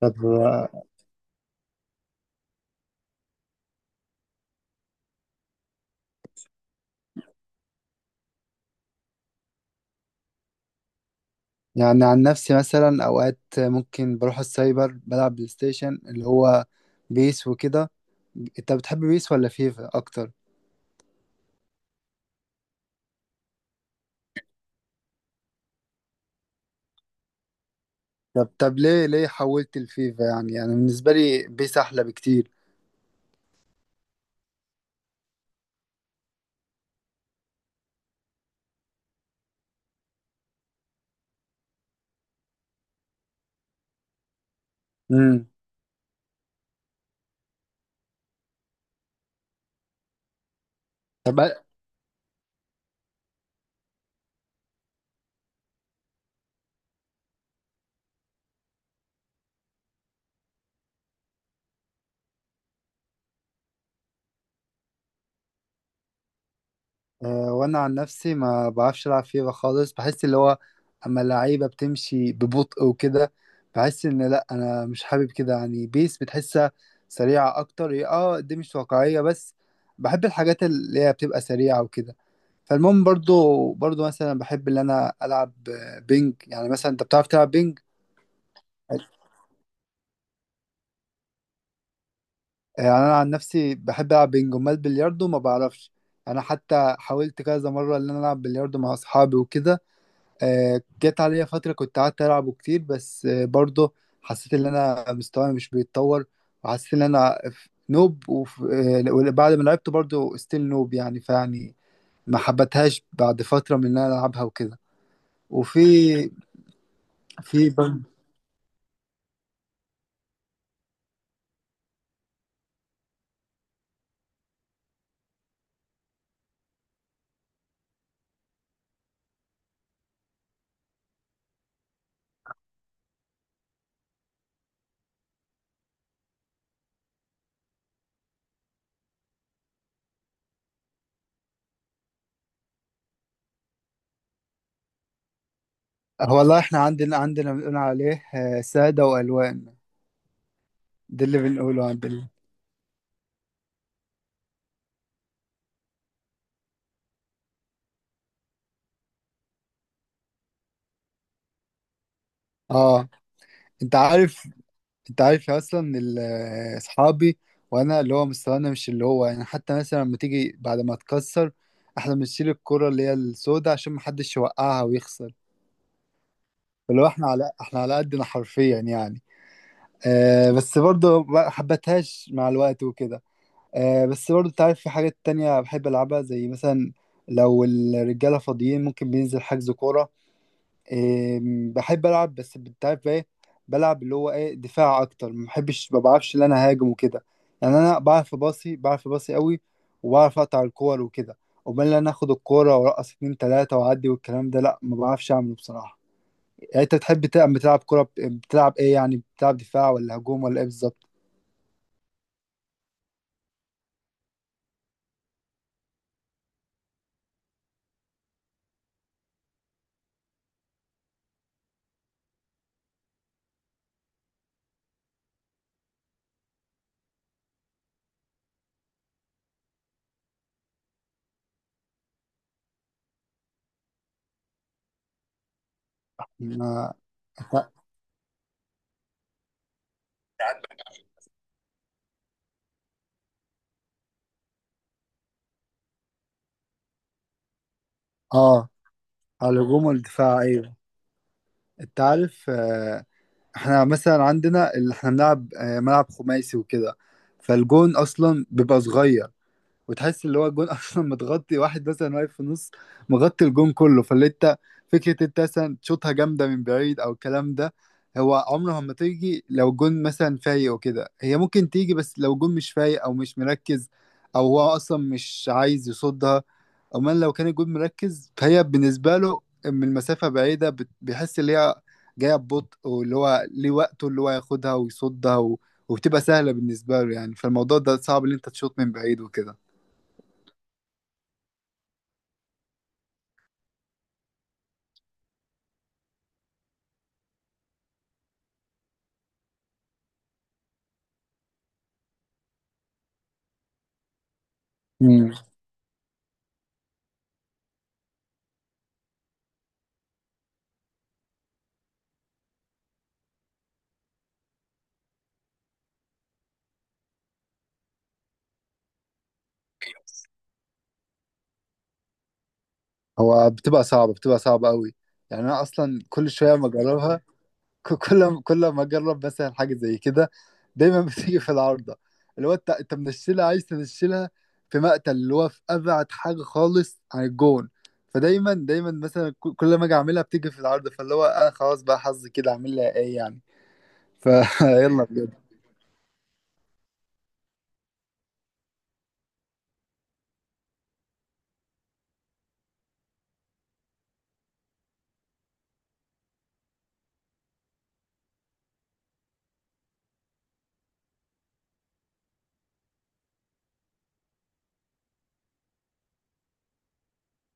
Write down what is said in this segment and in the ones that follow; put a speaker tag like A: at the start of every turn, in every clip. A: طب. يعني عن نفسي مثلا اوقات ممكن بروح السايبر بلعب بلاي ستيشن اللي هو بيس وكده. انت بتحب بيس ولا فيفا اكتر؟ طب، ليه حولت الفيفا؟ يعني انا يعني بالنسبه لي بيس احلى بكتير. امم. طب، وانا عن نفسي ما بعرفش العب فيفا خالص. بحس اللي هو اما اللعيبه بتمشي ببطء وكده، بحس ان لا انا مش حابب كده. يعني بيس بتحسها سريعه اكتر، هي اه دي مش واقعيه بس بحب الحاجات اللي هي بتبقى سريعه وكده. فالمهم برضو مثلا بحب ان انا العب بينج. يعني مثلا انت بتعرف تلعب بينج؟ آه، يعني انا عن نفسي بحب العب بينج، امال بلياردو ما بعرفش. انا حتى حاولت كذا مره ان انا العب بلياردو مع اصحابي وكده. جت عليا فترة كنت قعدت ألعبه كتير، بس برضه حسيت إن أنا مستواي مش بيتطور، وحسيت إن أنا نوب، وف- آه، وبعد ما لعبته برضه ستيل نوب يعني. فيعني ما حبتهاش بعد فترة من إن أنا ألعبها وكده. وفي في بن- والله إحنا عندنا بنقول عليه سادة وألوان. ده اللي بنقوله عندنا. آه أنت عارف، انت عارف اصلا اصحابي وانا اللي هو مستوانا مش اللي هو يعني. حتى مثلا لما تيجي بعد ما اتكسر، احنا بنشيل الكرة اللي هي السوداء عشان محدش يوقعها ويخسر. اللي هو احنا على قدنا حرفيا يعني. آه بس برضه ما حبتهاش مع الوقت وكده. آه بس برضه انت عارف في حاجات تانية بحب العبها، زي مثلا لو الرجالة فاضيين ممكن بننزل حجز كورة. بحب العب، بس انت عارف ايه، بلعب اللي هو ايه دفاع اكتر. ما بحبش ما بعرفش ان انا هاجم وكده. يعني انا بعرف باصي، بعرف باصي قوي، وبعرف اقطع الكور وكده. امال ان انا اخد الكوره وارقص اتنين تلاته واعدي والكلام ده، لا، ما بعرفش اعمله بصراحه. يعني انت بتحب تلعب، بتلعب كوره بتلعب ايه يعني؟ بتلعب دفاع ولا هجوم ولا ايه بالظبط؟ ما- اه على الهجوم والدفاع، ايوه. انت عارف احنا مثلا عندنا اللي احنا بنلعب ملعب خماسي وكده. فالجون اصلا بيبقى صغير، وتحس اللي هو الجون اصلا متغطي، واحد مثلا واقف في النص مغطي الجون كله. فاللي انت فكره انت مثلا تشوطها جامده من بعيد او الكلام ده، هو عمره ما تيجي. لو الجون مثلا فايق وكده هي ممكن تيجي، بس لو الجون مش فايق او مش مركز او هو اصلا مش عايز يصدها. امال لو كان الجون مركز، فهي بالنسبه له من مسافه بعيده بيحس ان هي جايه ببطء، واللي هو ليه وقته اللي هو ياخدها ويصدها، و... وبتبقى سهله بالنسبه له يعني. فالموضوع ده صعب ان انت تشوط من بعيد وكده. امم. هو بتبقى صعبة، بتبقى صعبة قوي. يعني أنا أصلا كل شوية ما أجربها، كل ما أجرب مثلا حاجة زي كده دايما بتيجي في العارضة. اللي هو أنت منشلها، عايز تنشلها في مقتل، اللي هو في أبعد حاجة خالص عن الجون. فدايما مثلا كل ما أجي أعملها بتيجي في العارضة. فاللي هو أنا خلاص بقى حظي كده، أعمل لها إيه يعني؟ فيلا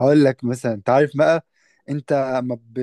A: هقول لك مثلا، انت عارف بقى، انت ما ب...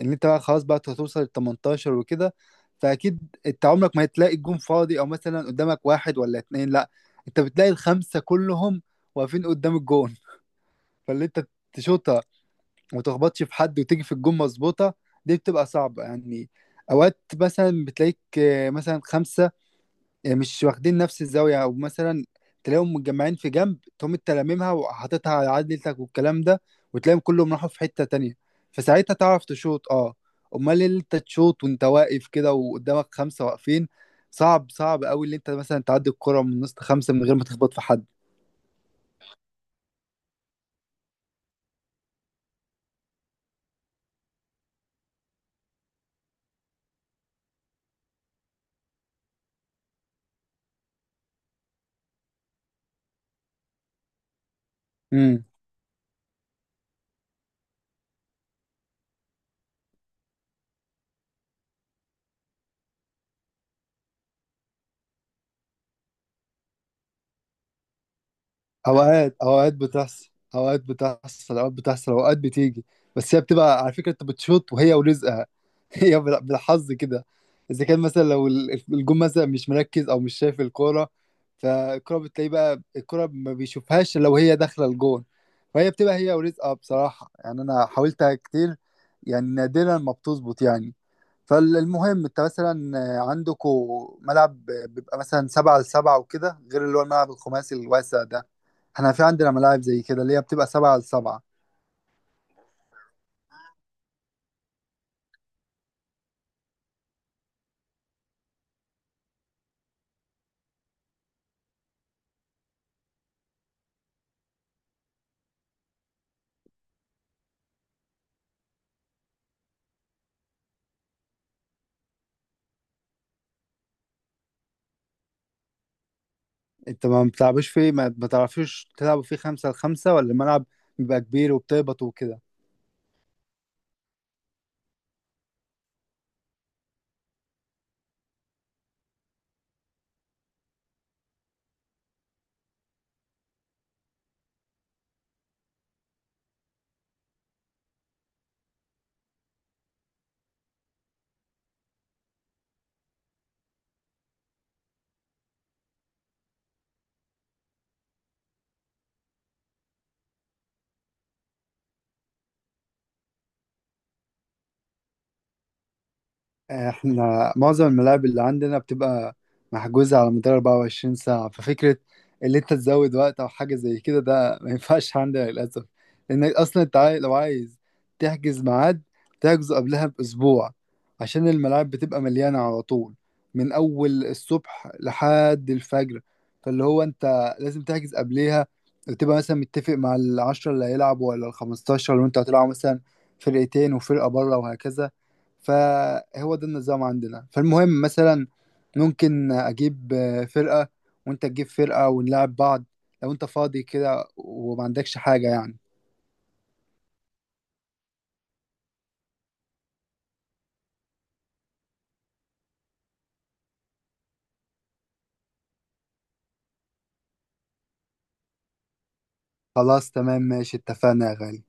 A: ان انت بقى خلاص بقى هتوصل ل 18 وكده. فاكيد انت عمرك ما هتلاقي الجون فاضي او مثلا قدامك واحد ولا اتنين، لا، انت بتلاقي الخمسه كلهم واقفين قدام الجون. فاللي انت تشوطها وما تخبطش في حد وتيجي في الجون مظبوطه، دي بتبقى صعبه يعني. اوقات مثلا بتلاقيك مثلا خمسه يعني مش واخدين نفس الزاوية، أو مثلا تلاقيهم متجمعين في جنب، تقوم انت لاممها وحاططها على عدلتك والكلام ده، وتلاقيهم كلهم راحوا في حتة تانية. فساعتها تعرف تشوط، اه. أمال إيه اللي انت تشوط وانت واقف كده وقدامك خمسة واقفين؟ صعب، صعب قوي اللي انت مثلا تعدي الكرة من نص خمسة من غير ما تخبط في حد. مم. اوقات اوقات بتحصل اوقات بتحصل، اوقات بتيجي. بس هي بتبقى، على فكره، انت بتشوط وهي ورزقها هي بالحظ كده. اذا كان مثلا لو الجون مثلا مش مركز او مش شايف الكوره، فالكوره بتلاقي بقى الكوره ما بيشوفهاش لو هي داخله الجون. فهي بتبقى هي ورزقها بصراحه يعني. انا حاولتها كتير يعني نادرا ما بتظبط يعني. فالمهم انت مثلا عندكم ملعب بيبقى مثلا 7 لـ7 وكده غير اللي هو الملعب الخماسي الواسع ده؟ احنا في عندنا ملاعب زي كده اللي هي بتبقى 7 لـ7. انت ما بتلعبوش فيه؟ ما بتعرفوش تلعبوا فيه 5 لـ5 ولا الملعب بيبقى كبير وبتهبطوا وكده؟ احنا معظم الملاعب اللي عندنا بتبقى محجوزة على مدار 24 ساعة. ففكرة اللي انت تزود وقت او حاجة زي كده، ده ما ينفعش عندنا للأسف. لانك اصلا انت لو عايز تحجز ميعاد تحجزه قبلها باسبوع، عشان الملاعب بتبقى مليانة على طول من اول الصبح لحد الفجر. فاللي هو انت لازم تحجز قبليها، وتبقى مثلا متفق مع العشرة اللي هيلعبوا ولا الخمستاشر، وانت هتلعب مثلا فرقتين وفرقة بره وهكذا. فهو ده النظام عندنا. فالمهم مثلا ممكن اجيب فرقة وانت تجيب فرقة ونلعب بعض، لو انت فاضي كده وما عندكش حاجة يعني. خلاص تمام ماشي، اتفقنا يا غالي.